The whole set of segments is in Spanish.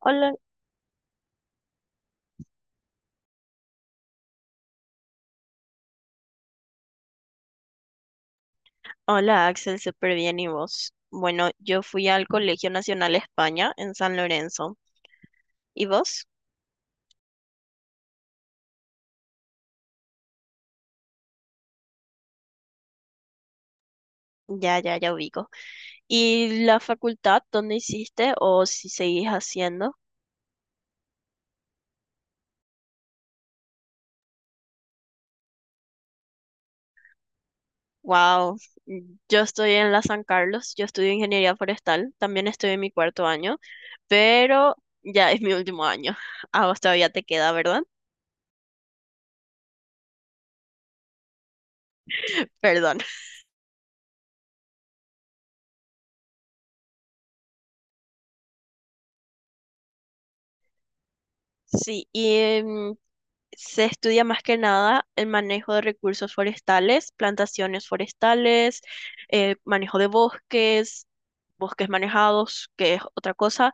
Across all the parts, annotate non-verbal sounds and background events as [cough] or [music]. Hola, hola Axel, súper bien, ¿y vos? Bueno, yo fui al Colegio Nacional España en San Lorenzo. ¿Y vos? Ya, ya, ya ubico. ¿Y la facultad dónde hiciste o si seguís haciendo? Wow, yo estoy en la San Carlos, yo estudio ingeniería forestal, también estoy en mi cuarto año, pero ya es mi último año. [laughs] A vos todavía te queda, ¿verdad? Perdón. [laughs] Sí, y se estudia más que nada el manejo de recursos forestales, plantaciones forestales, manejo de bosques, bosques manejados, que es otra cosa,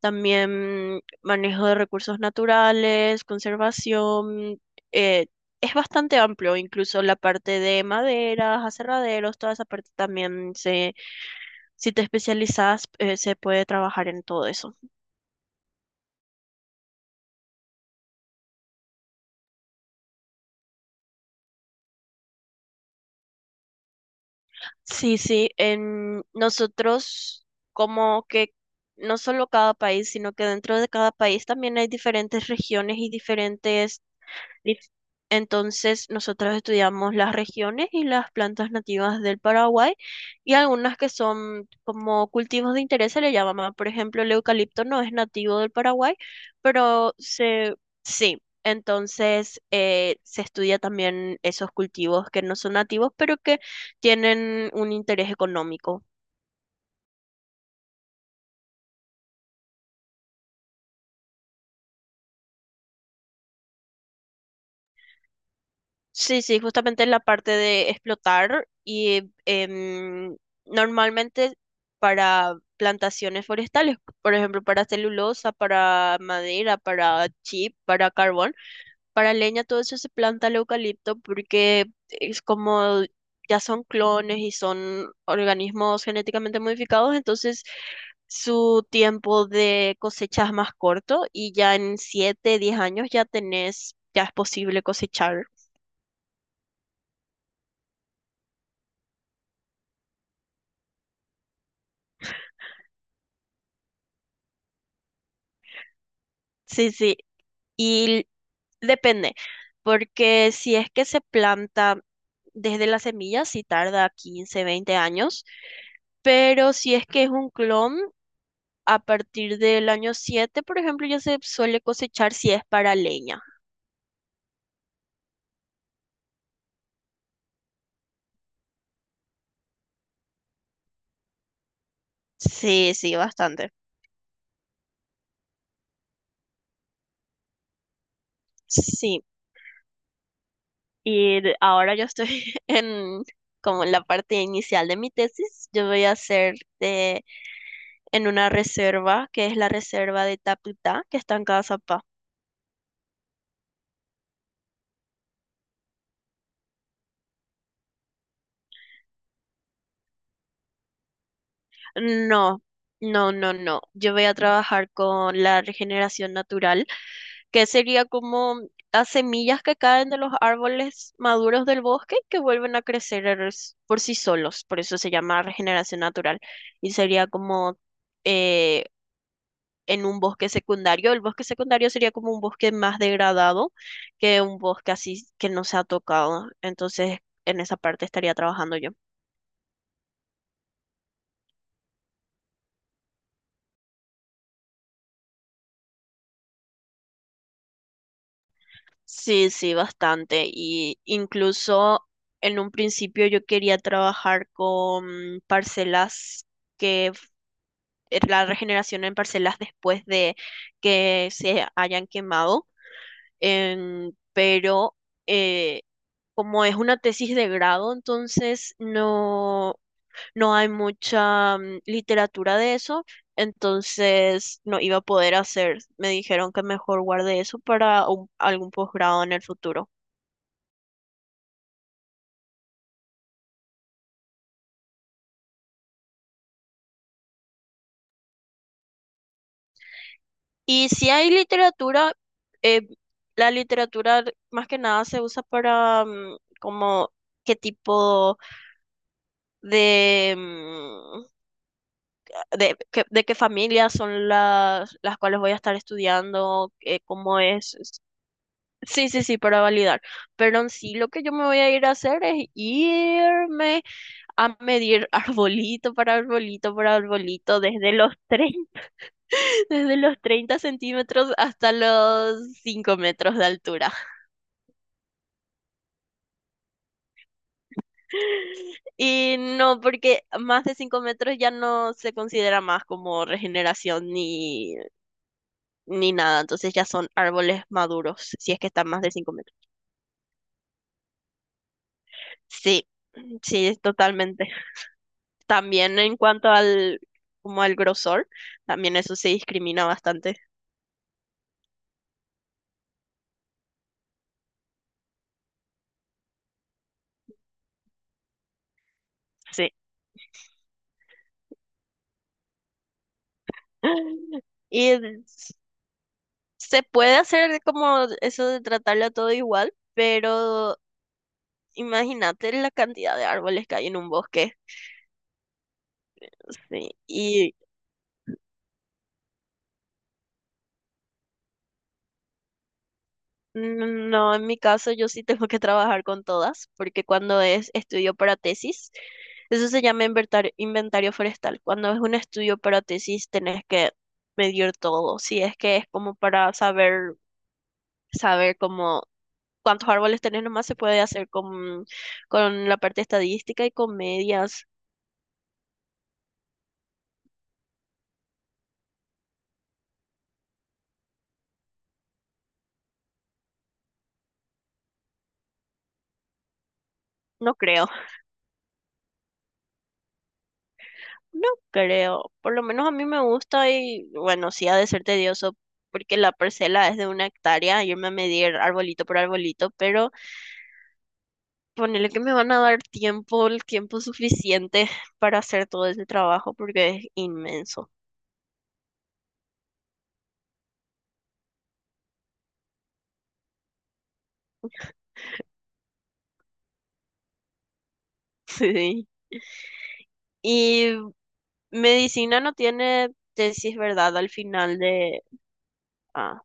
también manejo de recursos naturales, conservación. eh, es bastante amplio, incluso la parte de maderas, aserraderos, toda esa parte también se, si te especializas, se puede trabajar en todo eso. Sí, sí, en nosotros como que no solo cada país, sino que dentro de cada país también hay diferentes regiones y diferentes. Listo. Entonces, nosotros estudiamos las regiones y las plantas nativas del Paraguay y algunas que son como cultivos de interés se le llama. Por ejemplo, el eucalipto no es nativo del Paraguay, pero se, sí. Entonces, se estudia también esos cultivos que no son nativos, pero que tienen un interés económico. Sí, sí, justamente en la parte de explotar y normalmente para plantaciones forestales, por ejemplo, para celulosa, para madera, para chip, para carbón, para leña, todo eso se planta el eucalipto porque es como ya son clones y son organismos genéticamente modificados, entonces su tiempo de cosecha es más corto y ya en 7, 10 años ya tenés, ya es posible cosechar. Sí, sí. Y depende, porque si es que se planta desde las semillas, sí tarda 15, 20 años, pero si es que es un clon, a partir del año 7 por ejemplo, ya se suele cosechar si es para leña. Sí, sí, bastante. Sí, y ahora yo estoy [laughs] en como en la parte inicial de mi tesis. Yo voy a hacer en una reserva, que es la reserva de Taputá, que está en Cazapá. No, no, no, no. Yo voy a trabajar con la regeneración natural, que sería como las semillas que caen de los árboles maduros del bosque que vuelven a crecer por sí solos. Por eso se llama regeneración natural. Y sería como eh, en un bosque secundario. El bosque secundario sería como un bosque más degradado que un bosque así que no se ha tocado. Entonces, en esa parte estaría trabajando yo. Sí, sí, bastante. Y incluso en un principio yo quería trabajar con parcelas que f- la regeneración en parcelas después de que se hayan quemado. Pero eh, como es una tesis de grado, entonces no, no hay mucha literatura de eso. Entonces no iba a poder hacer. Me dijeron que mejor guarde eso para algún posgrado en el futuro. Y si hay literatura, eh, la literatura más que nada se usa para como qué tipo de, de, de qué familias son las cuales voy a estar estudiando, cómo es. Sí, sí, sí, para validar. Pero en sí lo que yo me voy a ir a hacer es irme a medir [laughs] arbolito para arbolito para arbolito desde los 30 [laughs] desde los 30 centímetros hasta los 5 metros de altura. Y no, porque más de 5 metros ya no se considera más como regeneración ni, ni nada. Entonces ya son árboles maduros, si es que están más de 5 metros. Sí, sí, es totalmente. También en cuanto al, como al grosor, también eso se discrimina bastante. Sí. Y s- se puede hacer como eso de tratarlo todo igual, pero imagínate la cantidad de árboles que hay en un bosque. Sí. No, en mi caso yo sí tengo que trabajar con todas, porque cuando es estudio para tesis, eso se llama inventario forestal. Cuando es un estudio para tesis, tenés que medir todo. Si es que es como para saber, saber cómo cuántos árboles tenés, nomás se puede hacer con la parte estadística y con medias. No creo, [laughs] no creo. Por lo menos a mí me gusta y bueno, sí ha de ser tedioso porque la parcela es de 1 hectárea, irme a medir arbolito por arbolito, pero ponele que me van a dar tiempo, el tiempo suficiente para hacer todo ese trabajo porque es inmenso. [laughs] Sí. Y medicina no tiene tesis, ¿verdad? Al final de... Ah,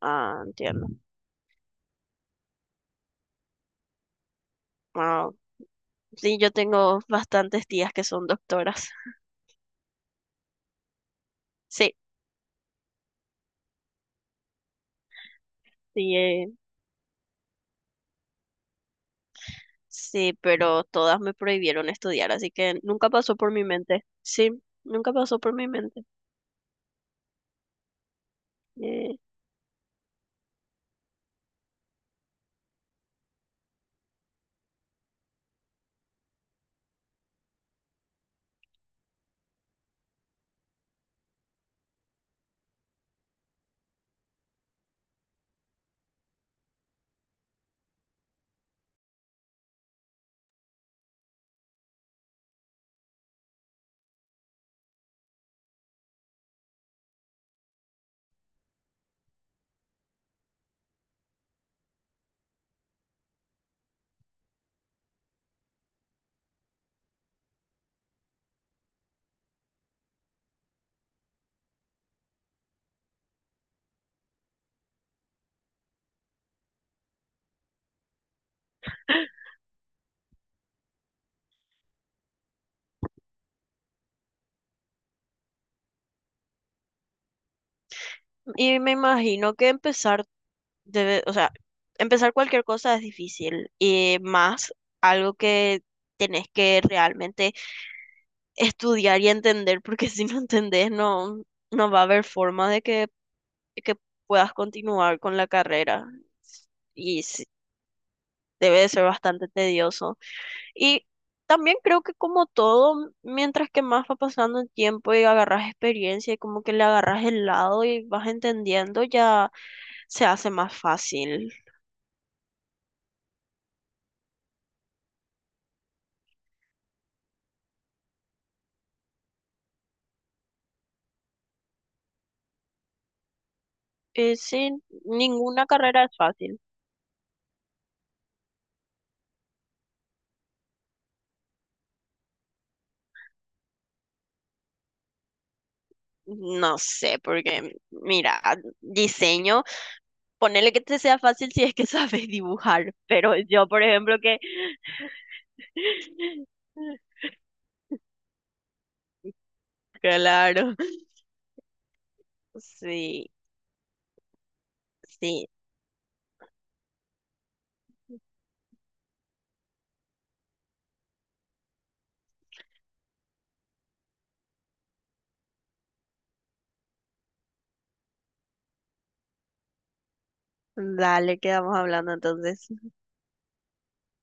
ah, entiendo. Ah, sí, yo tengo bastantes tías que son doctoras. Sí, sí, sí, pero todas me prohibieron estudiar, así que nunca pasó por mi mente. Sí, nunca pasó por mi mente. Eh, y me imagino que empezar debe, o sea, empezar cualquier cosa es difícil y más algo que tenés que realmente estudiar y entender, porque [laughs] si no entendés no, no va a haber forma de que puedas continuar con la carrera y sí, debe de ser bastante tedioso. Y también creo que como todo, mientras que más va pasando el tiempo y agarras experiencia y como que le agarras el lado y vas entendiendo, ya se hace más fácil. Sí, ninguna carrera es fácil. No sé, porque mira, diseño, ponele que te sea fácil si es que [laughs] sabes dibujar, pero yo, por ejemplo, que... [laughs] Claro, sí, sí. Dale, quedamos hablando entonces.